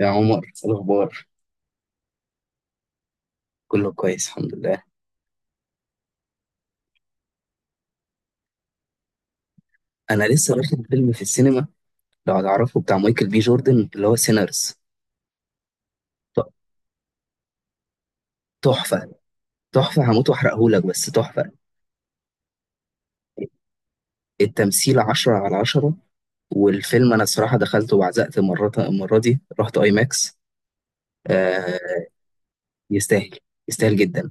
يا عمر، إيه الأخبار؟ كله كويس، الحمد لله. أنا لسه واخد فيلم في السينما، لو هتعرفه، بتاع مايكل بي جوردن، اللي هو سينرز. تحفة. تحفة، هموت وأحرقهولك، بس تحفة. التمثيل عشرة على عشرة. والفيلم أنا الصراحة دخلته وعزقت، مرة المرة دي رحت أي ماكس. آه. يستاهل، يستاهل جدا.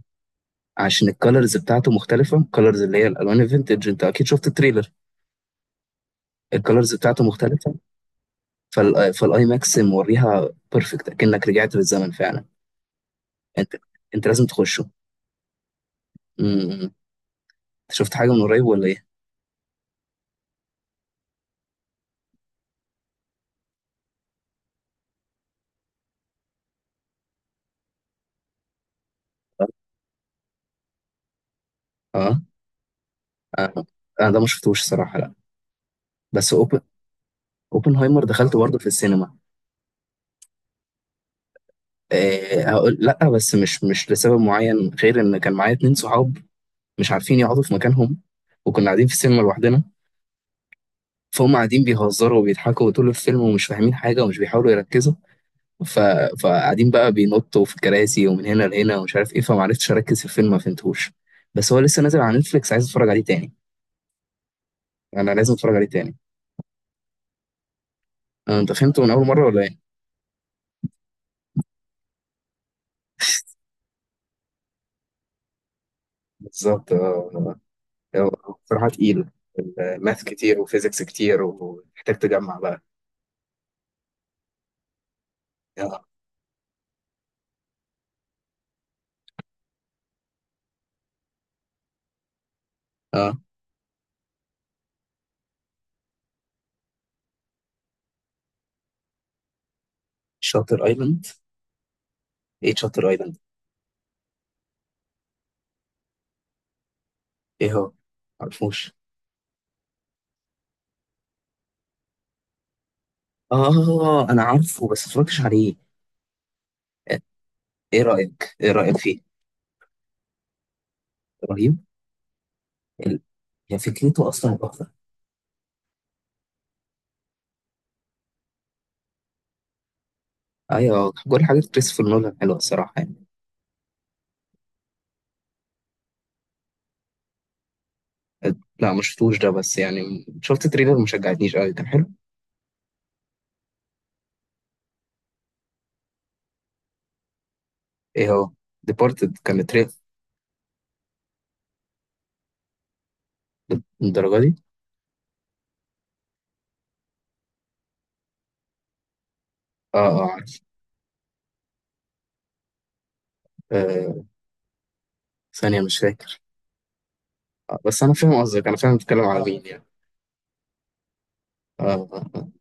عشان الكالرز بتاعته مختلفة، الكالرز اللي هي الألوان الفينتج. أنت أكيد شفت التريلر. الكالرز بتاعته مختلفة. فالآي ماكس موريها بيرفكت، أكنك رجعت بالزمن فعلا. انت انت لازم تخشه. انت شفت حاجه من قريب ولا ايه؟ اه. اه. انا ده ما شفتوش صراحه، لا. بس اوبنهايمر دخلته برضه في السينما. آه، هقول لا، بس مش لسبب معين غير ان كان معايا اتنين صحاب مش عارفين يقعدوا في مكانهم. وكنا قاعدين في السينما لوحدنا، فهم قاعدين بيهزروا وبيضحكوا طول الفيلم ومش فاهمين حاجه ومش بيحاولوا يركزوا. ف... فقاعدين بقى بينطوا في الكراسي ومن هنا لهنا ومش عارف ايه، فمعرفتش اركز في الفيلم، ما فهمتهوش. بس هو لسه نازل على نتفليكس، عايز اتفرج عليه تاني. انا لازم اتفرج عليه تاني. آه، انت فهمته من اول مره ولا ايه؟ بالظبط. بصراحه تقيل، ماث كتير وفيزيكس كتير ومحتاج تجمع بقى. اه. اه. شاطر ايلاند؟ ايه شاطر ايلاند؟ ايه هو؟ معرفوش. اه، انا عارفه بس متفرجتش عليه. آه، ايه رايك فيه؟ رهيب. ال- هي فكرته اصلا تحفه. ايوه، كل حاجه كريستوفر نولان حلوه الصراحه يعني. آه، لا ما شفتوش ده، بس يعني شفت تريلر ما شجعتنيش قوي، كان حلو. ايه هو؟ ديبارتد كان تريلر. الدرجه دي؟ اه. اه، عارف. آه، ثانية، مش فاكر. بس أنا فاهم قصدك، أنا فاهم بتتكلم على مين يعني. آه. آه. آه.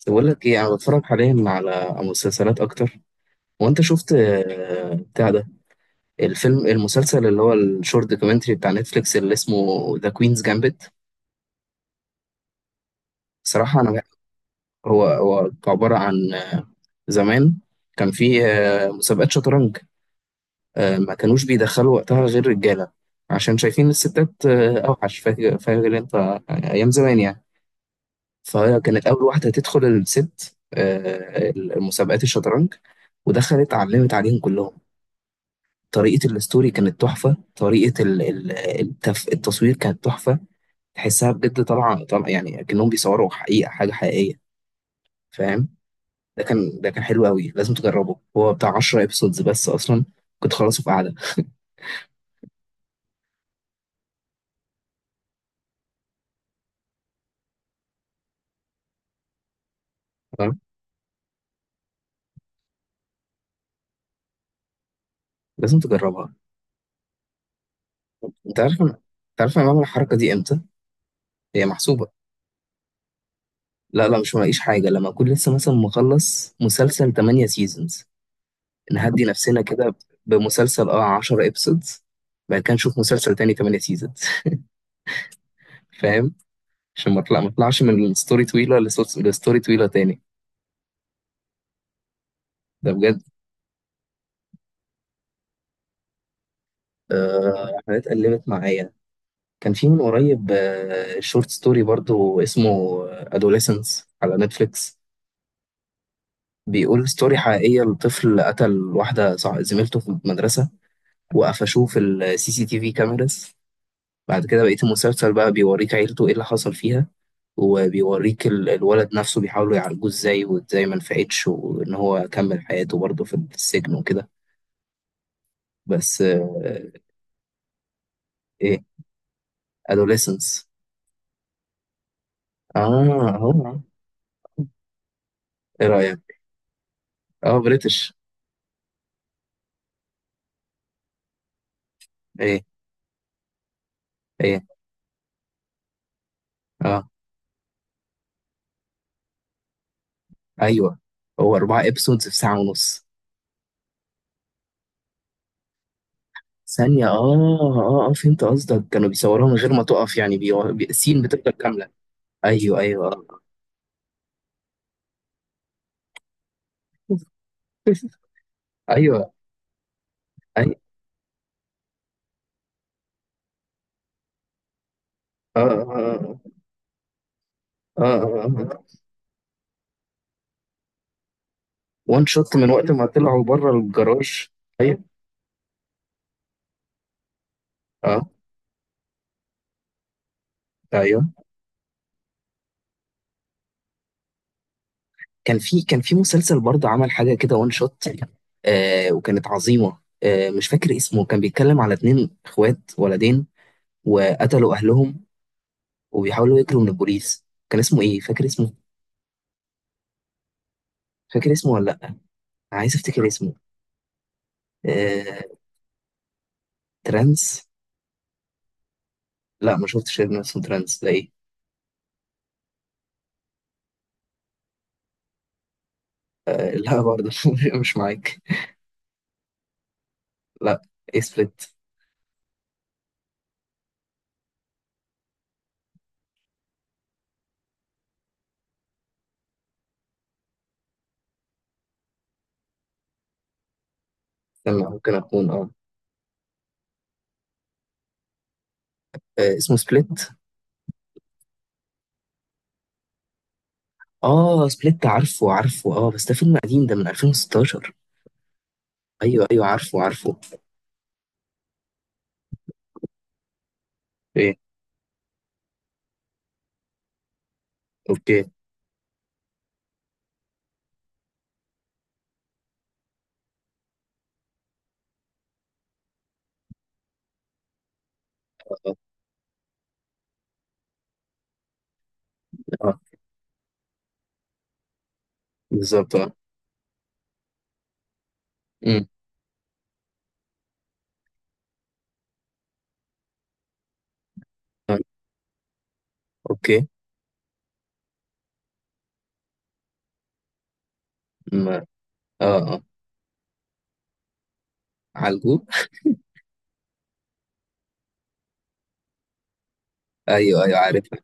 بس بقول لك إيه، أنا بتفرج حاليا على مسلسلات أكتر. وأنت شفت بتاع ده؟ الفيلم، المسلسل اللي هو الشورت دوكيومنتري بتاع نتفليكس اللي اسمه ذا كوينز جامبت. بصراحة أنا. هو عبارة عن زمان كان في مسابقات شطرنج. ما كانوش بيدخلوا وقتها غير رجالة، عشان شايفين الستات أوحش. فاكر، فاكر أنت أيام زمان يعني؟ فهي كانت أول واحدة تدخل الست المسابقات الشطرنج. ودخلت، علمت عليهم كلهم. طريقة الستوري كانت تحفة. طريقة التصوير كانت تحفة. تحسها بجد طالعة، طالعة يعني، أكنهم بيصوروا حقيقة حاجة حقيقية. فاهم؟ ده كان حلو قوي، لازم تجربه. هو بتاع 10 ابيسودز بس أصلا، كنت خلصه في قعدة. تمام، لازم تجربها. أنت عارف أنا بعمل الحركة دي إمتى. هي محسوبة. لا، لا، مش ملاقيش حاجة، لما أكون لسه مثلا مخلص مسلسل 8 سيزونز، نهدي نفسنا كده بمسلسل 10 ابسودز، بعد كده نشوف مسلسل تاني 8 سيزونز. فاهم؟ عشان ما اطلعش من ستوري طويله لستوري طويله تاني. ده بجد. حاجات قلبت معايا. كان في من قريب شورت ستوري برضو اسمه ادوليسنس على نتفليكس. بيقول ستوري حقيقيه لطفل قتل واحده زميلته في المدرسه، وقفشوه في السي سي تي في كاميراز. بعد كده بقيه المسلسل بقى بيوريك عيلته ايه اللي حصل فيها، وبيوريك الولد نفسه بيحاولوا يعالجوه ازاي، وازاي ما نفعتش، وان هو كمل حياته برضه في السجن وكده. بس ايه adolescence؟ اه، هو. ايه رأيك؟ اه، بريتش. ايه. ايه. اه. ايوه. هو 4 ابسودز في ساعة ونص. ثانية، اه، اه، اه، فهمت قصدك. كانوا بيصوروها من غير ما تقف يعني. السين بتفضل كاملة. ايوه، ايوه، آه. ايوه، اي، اه، اه، اه، اه، آه، آه. آه. وان شوت من وقت ما طلعوا بره الجراج. ايوه. اه. ايوه. كان في مسلسل برضه عمل حاجه كده وان شوت، وكانت عظيمه. مش فاكر اسمه. كان بيتكلم على اتنين اخوات ولدين، وقتلوا اهلهم وبيحاولوا يجروا من البوليس. كان اسمه ايه؟ فاكر اسمه؟ فاكر اسمه ولا لا؟ عايز افتكر اسمه. آه، ترانس. لا ما شفتش. إن اسمه ترانس ده ايه؟ آه، لا برضه مش معاك. لا. إيه سبليت؟ استنى، ممكن اكون اه. اسمه سبليت. اه، سبليت، عارفه، عارفه. اه، بس ده فيلم قديم، ده من 2016. ايوه، ايوه، عارفه، عارفه. ايه. اوكي. اه. اه. آه، بالظبط. اه. أمم. آه. اوكي. أمم. اه. اه، عالجو. ايوه، ايوه، عارفها.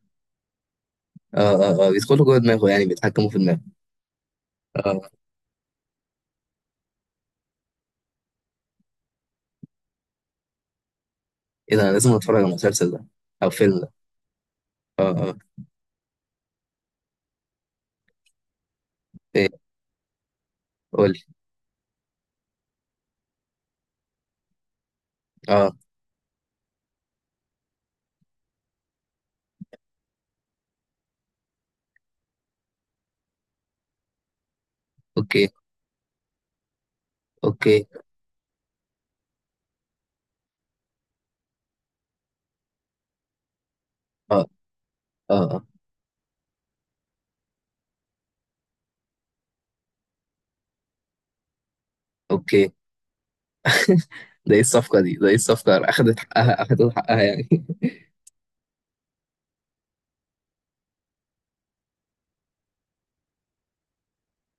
اه. اه. اه، بيدخلوا جوه دماغه يعني، بيتحكموا في دماغه. اه. ايه ده؟ انا لازم اتفرج على المسلسل ده. او فيلم ده. اه. اه. ايه؟ قولي. اه. اوكي. اوكي. اه. اه. اه. اوكي. ده ايه الصفقة؟ اخدت حقها، اخدت حقها يعني؟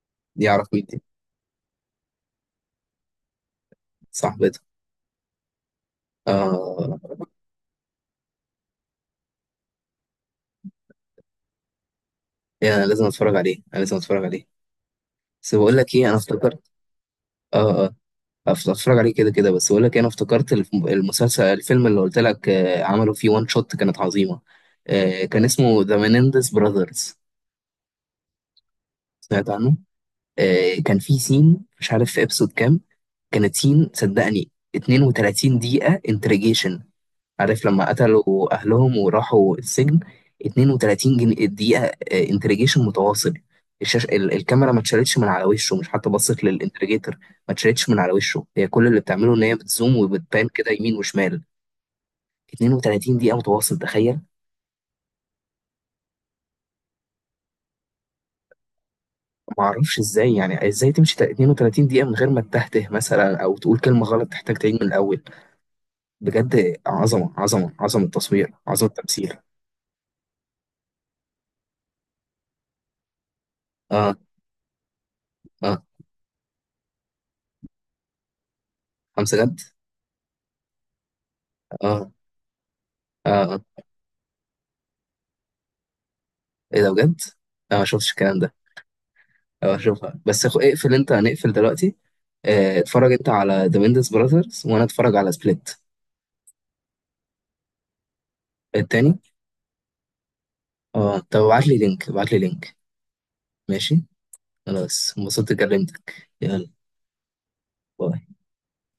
دي اعرف مين دي. صاحبتها. اه. ايه، انا لازم اتفرج عليه، انا لازم اتفرج عليه. بس بقول لك ايه، انا افتكرت. اه. اه. هتفرج عليه كده كده. بس بقول لك إيه، انا افتكرت المسلسل، الفيلم اللي قلت لك عملوا فيه وان شوت كانت عظيمه. كان اسمه ذا مينيندس براذرز. سمعت عنه. كان في سين مش عارف في ابسود كام، كانت سين، صدقني، 32 دقيقه انتريجيشن، عارف، لما قتلوا أهلهم وراحوا السجن. 32 جنيه دقيقة انتريجيشن متواصل. الشاشة، الكاميرا ما اتشالتش من على وشه، مش حتى بصت للانتريجيتور، ما اتشالتش من على وشه. هي كل اللي بتعمله إن هي بتزوم وبتبان كده يمين وشمال. 32 دقيقة متواصل، تخيل. ما اعرفش ازاي يعني، ازاي تمشي 32 دقيقة من غير ما تتهته مثلا او تقول كلمة غلط تحتاج تعيد من الاول. بجد، عظمة، عظمة، عظمة التصوير، عظمة التمثيل. اه. اه. خمسة جد. اه. اه. آه. ايه ده بجد؟ انا ما شفتش الكلام ده. أو اشوفها، بس اخو، اقفل انت، هنقفل دلوقتي. اتفرج انت على ذا ميندس براذرز وانا اتفرج على سبليت. التاني. اه، طب ابعت لي لينك، ابعت لي لينك. ماشي. خلاص، انبسطت، كلمتك، يلا. باي.